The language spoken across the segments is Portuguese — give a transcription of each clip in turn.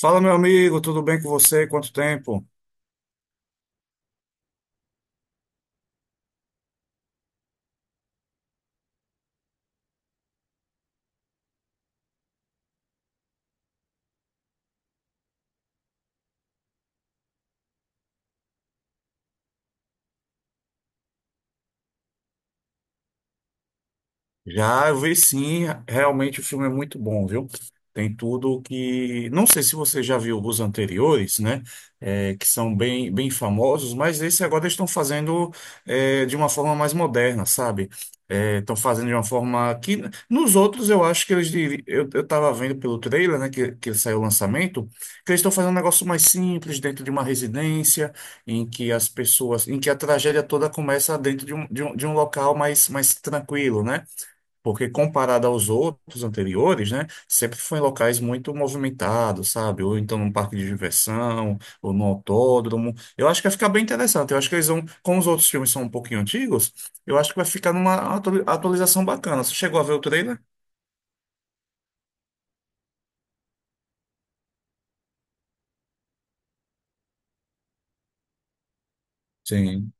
Fala, meu amigo, tudo bem com você? Quanto tempo? Já eu vi sim, realmente o filme é muito bom, viu? Tem tudo que. Não sei se você já viu os anteriores, né? Que são bem famosos, mas esse agora eles estão fazendo de uma forma mais moderna, sabe? É, Estão fazendo de uma forma que. Nos outros, eu acho que eles. Eu tava vendo pelo trailer, né? Que saiu o lançamento, que eles estão fazendo um negócio mais simples, dentro de uma residência, em que as pessoas. Em que a tragédia toda começa dentro de um local mais tranquilo, né? Porque comparado aos outros anteriores, né, sempre foi em locais muito movimentados, sabe? Ou então num parque de diversão, ou num autódromo. Eu acho que vai ficar bem interessante. Eu acho que eles vão, como os outros filmes são um pouquinho antigos, eu acho que vai ficar numa atualização bacana. Você chegou a ver o trailer? Sim.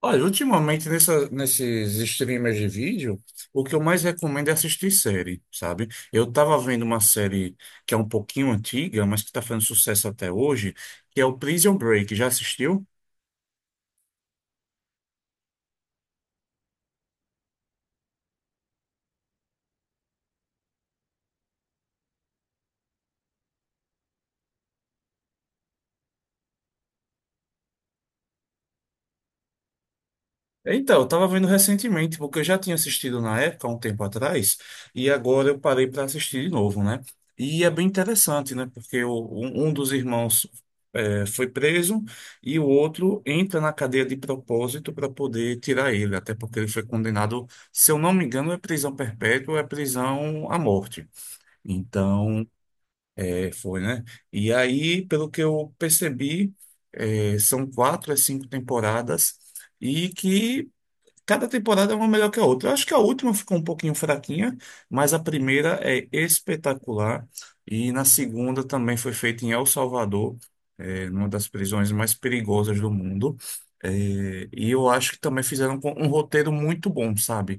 Olha, ultimamente nesses streamers de vídeo, o que eu mais recomendo é assistir série, sabe? Eu tava vendo uma série que é um pouquinho antiga, mas que tá fazendo sucesso até hoje, que é o Prison Break. Já assistiu? Então, eu tava vendo recentemente, porque eu já tinha assistido na época, há um tempo atrás, e agora eu parei para assistir de novo, né? E é bem interessante, né? Um dos irmãos foi preso e o outro entra na cadeia de propósito para poder tirar ele, até porque ele foi condenado, se eu não me engano, é prisão perpétua, é prisão à morte. Então, foi, né? E aí, pelo que eu percebi, são quatro a cinco temporadas. E que cada temporada é uma melhor que a outra. Eu acho que a última ficou um pouquinho fraquinha, mas a primeira é espetacular. E na segunda também foi feita em El Salvador, é, numa das prisões mais perigosas do mundo. É, e eu acho que também fizeram um roteiro muito bom, sabe?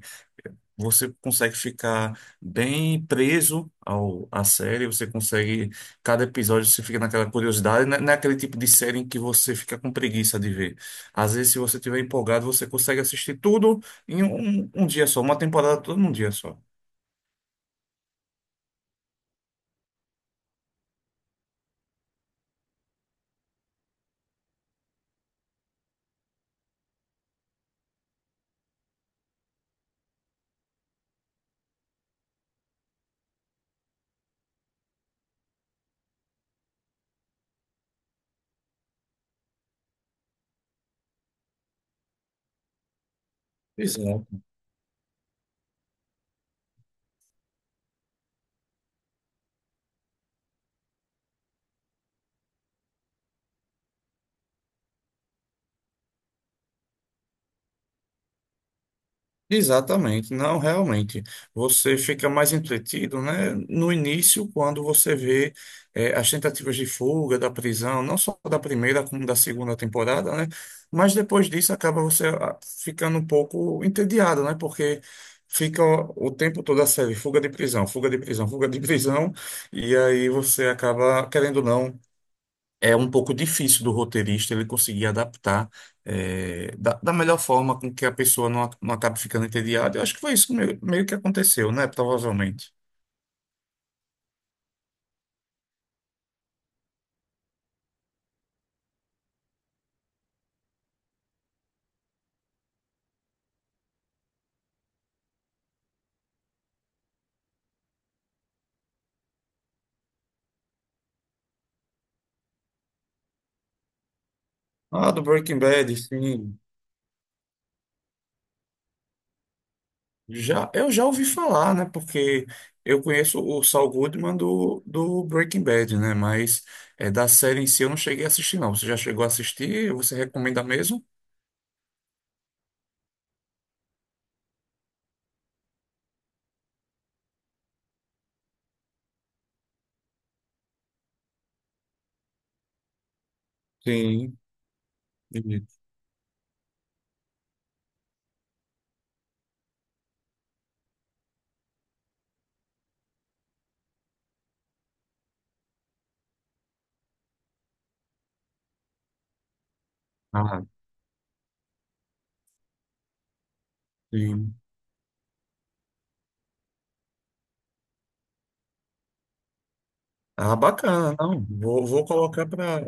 Você consegue ficar bem preso à série, você consegue, cada episódio você fica naquela curiosidade, não é aquele tipo de série em que você fica com preguiça de ver. Às vezes, se você estiver empolgado, você consegue assistir tudo em um dia só, uma temporada toda num dia só. Exato. Exatamente, não, realmente. Você fica mais entretido, né? No início, quando você vê as tentativas de fuga da prisão, não só da primeira como da segunda temporada, né? Mas depois disso acaba você ficando um pouco entediado, né? Porque fica o tempo todo a série, fuga de prisão, fuga de prisão, fuga de prisão, e aí você acaba, querendo ou não, é um pouco difícil do roteirista ele conseguir adaptar da melhor forma com que a pessoa não, não acabe ficando entediada. Eu acho que foi isso que meio que aconteceu, né? Provavelmente. Ah, do Breaking Bad, sim. Já, eu já ouvi falar, né? Porque eu conheço o Saul Goodman do Breaking Bad, né? Mas da série em si eu não cheguei a assistir, não. Você já chegou a assistir? Você recomenda mesmo? Sim. Entendi. Ah, sim. Ah, bacana, não. Vou, vou colocar para.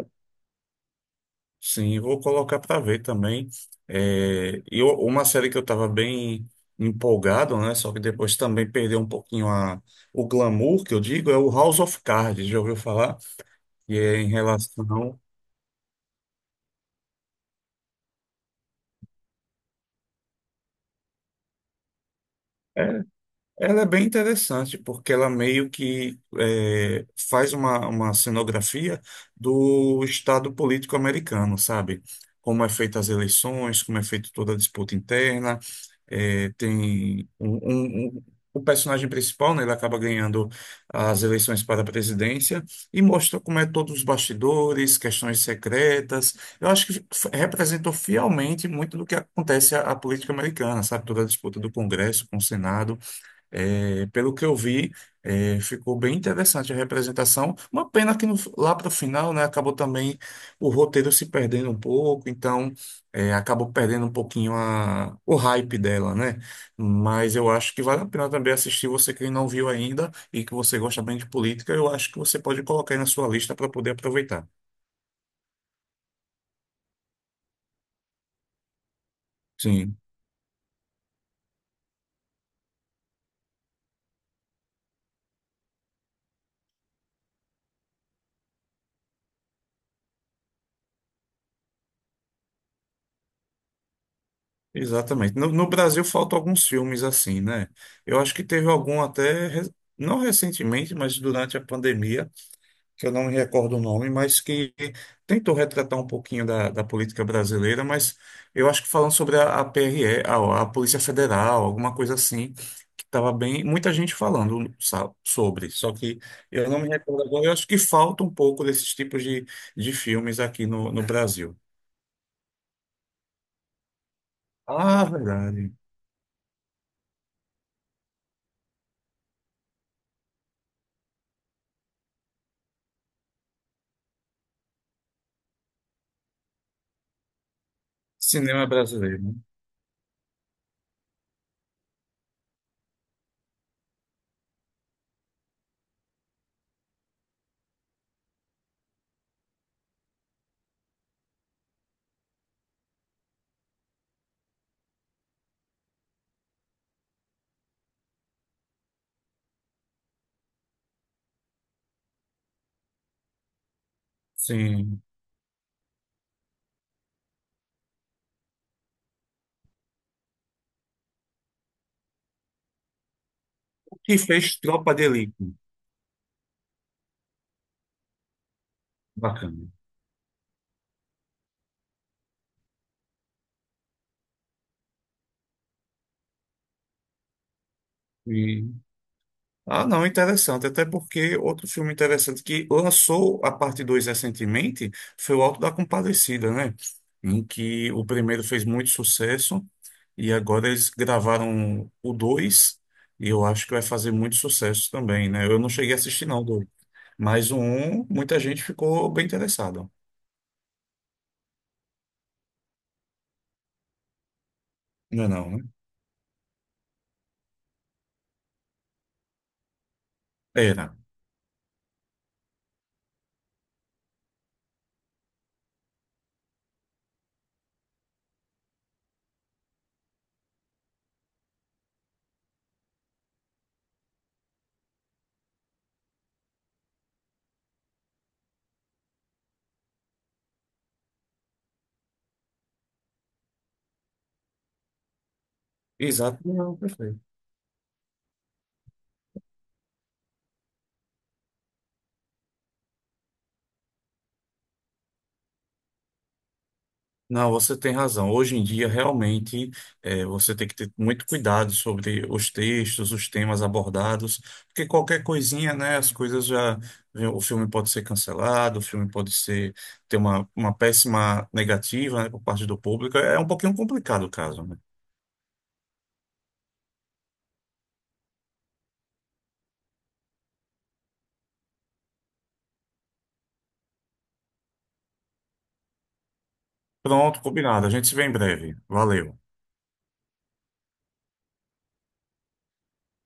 Sim, vou colocar para ver também. É, e uma série que eu estava bem empolgado, né? Só que depois também perdeu um pouquinho o glamour, que eu digo, é o House of Cards, já ouviu falar? E é em relação. É, Ela é bem interessante, porque ela meio que faz uma cenografia do estado político americano, sabe? Como é feita as eleições, como é feita toda a disputa interna. Tem o personagem principal, né, ele acaba ganhando as eleições para a presidência e mostra como é todos os bastidores, questões secretas. Eu acho que representou fielmente muito do que acontece à política americana, sabe? Toda a disputa do Congresso com o Senado. É, pelo que eu vi, é, ficou bem interessante a representação. Uma pena que lá para o final, né, acabou também o roteiro se perdendo um pouco, então é, acabou perdendo um pouquinho o hype dela, né? Mas eu acho que vale a pena também assistir. Você que não viu ainda e que você gosta bem de política, eu acho que você pode colocar aí na sua lista para poder aproveitar. Sim, exatamente. No Brasil faltam alguns filmes assim, né? Eu acho que teve algum até, não recentemente, mas durante a pandemia, que eu não me recordo o nome, mas que tentou retratar um pouquinho da política brasileira, mas eu acho que falando sobre a Polícia Federal, alguma coisa assim, que estava bem, muita gente falando sobre, só que eu não me recordo agora, eu acho que falta um pouco desses tipos de filmes aqui no Brasil. Ah, verdade. Cinema brasileiro, né? Sim. O que fez Tropa de Elite. Bacana. Ah, não, interessante. Até porque outro filme interessante que lançou a parte 2 recentemente foi o Auto da Compadecida, né? Em que o primeiro fez muito sucesso e agora eles gravaram o 2 e eu acho que vai fazer muito sucesso também, né? Eu não cheguei a assistir, não, o dois. Mas o um, muita gente ficou bem interessada. Não é não, né? Era. Exato. Não, perfeito. Não, você tem razão. Hoje em dia, realmente, você tem que ter muito cuidado sobre os textos, os temas abordados, porque qualquer coisinha, né, as coisas já. O filme pode ser cancelado, o filme pode ser ter uma péssima negativa, né, por parte do público. É um pouquinho complicado o caso, né? Pronto, combinado. A gente se vê em breve. Valeu.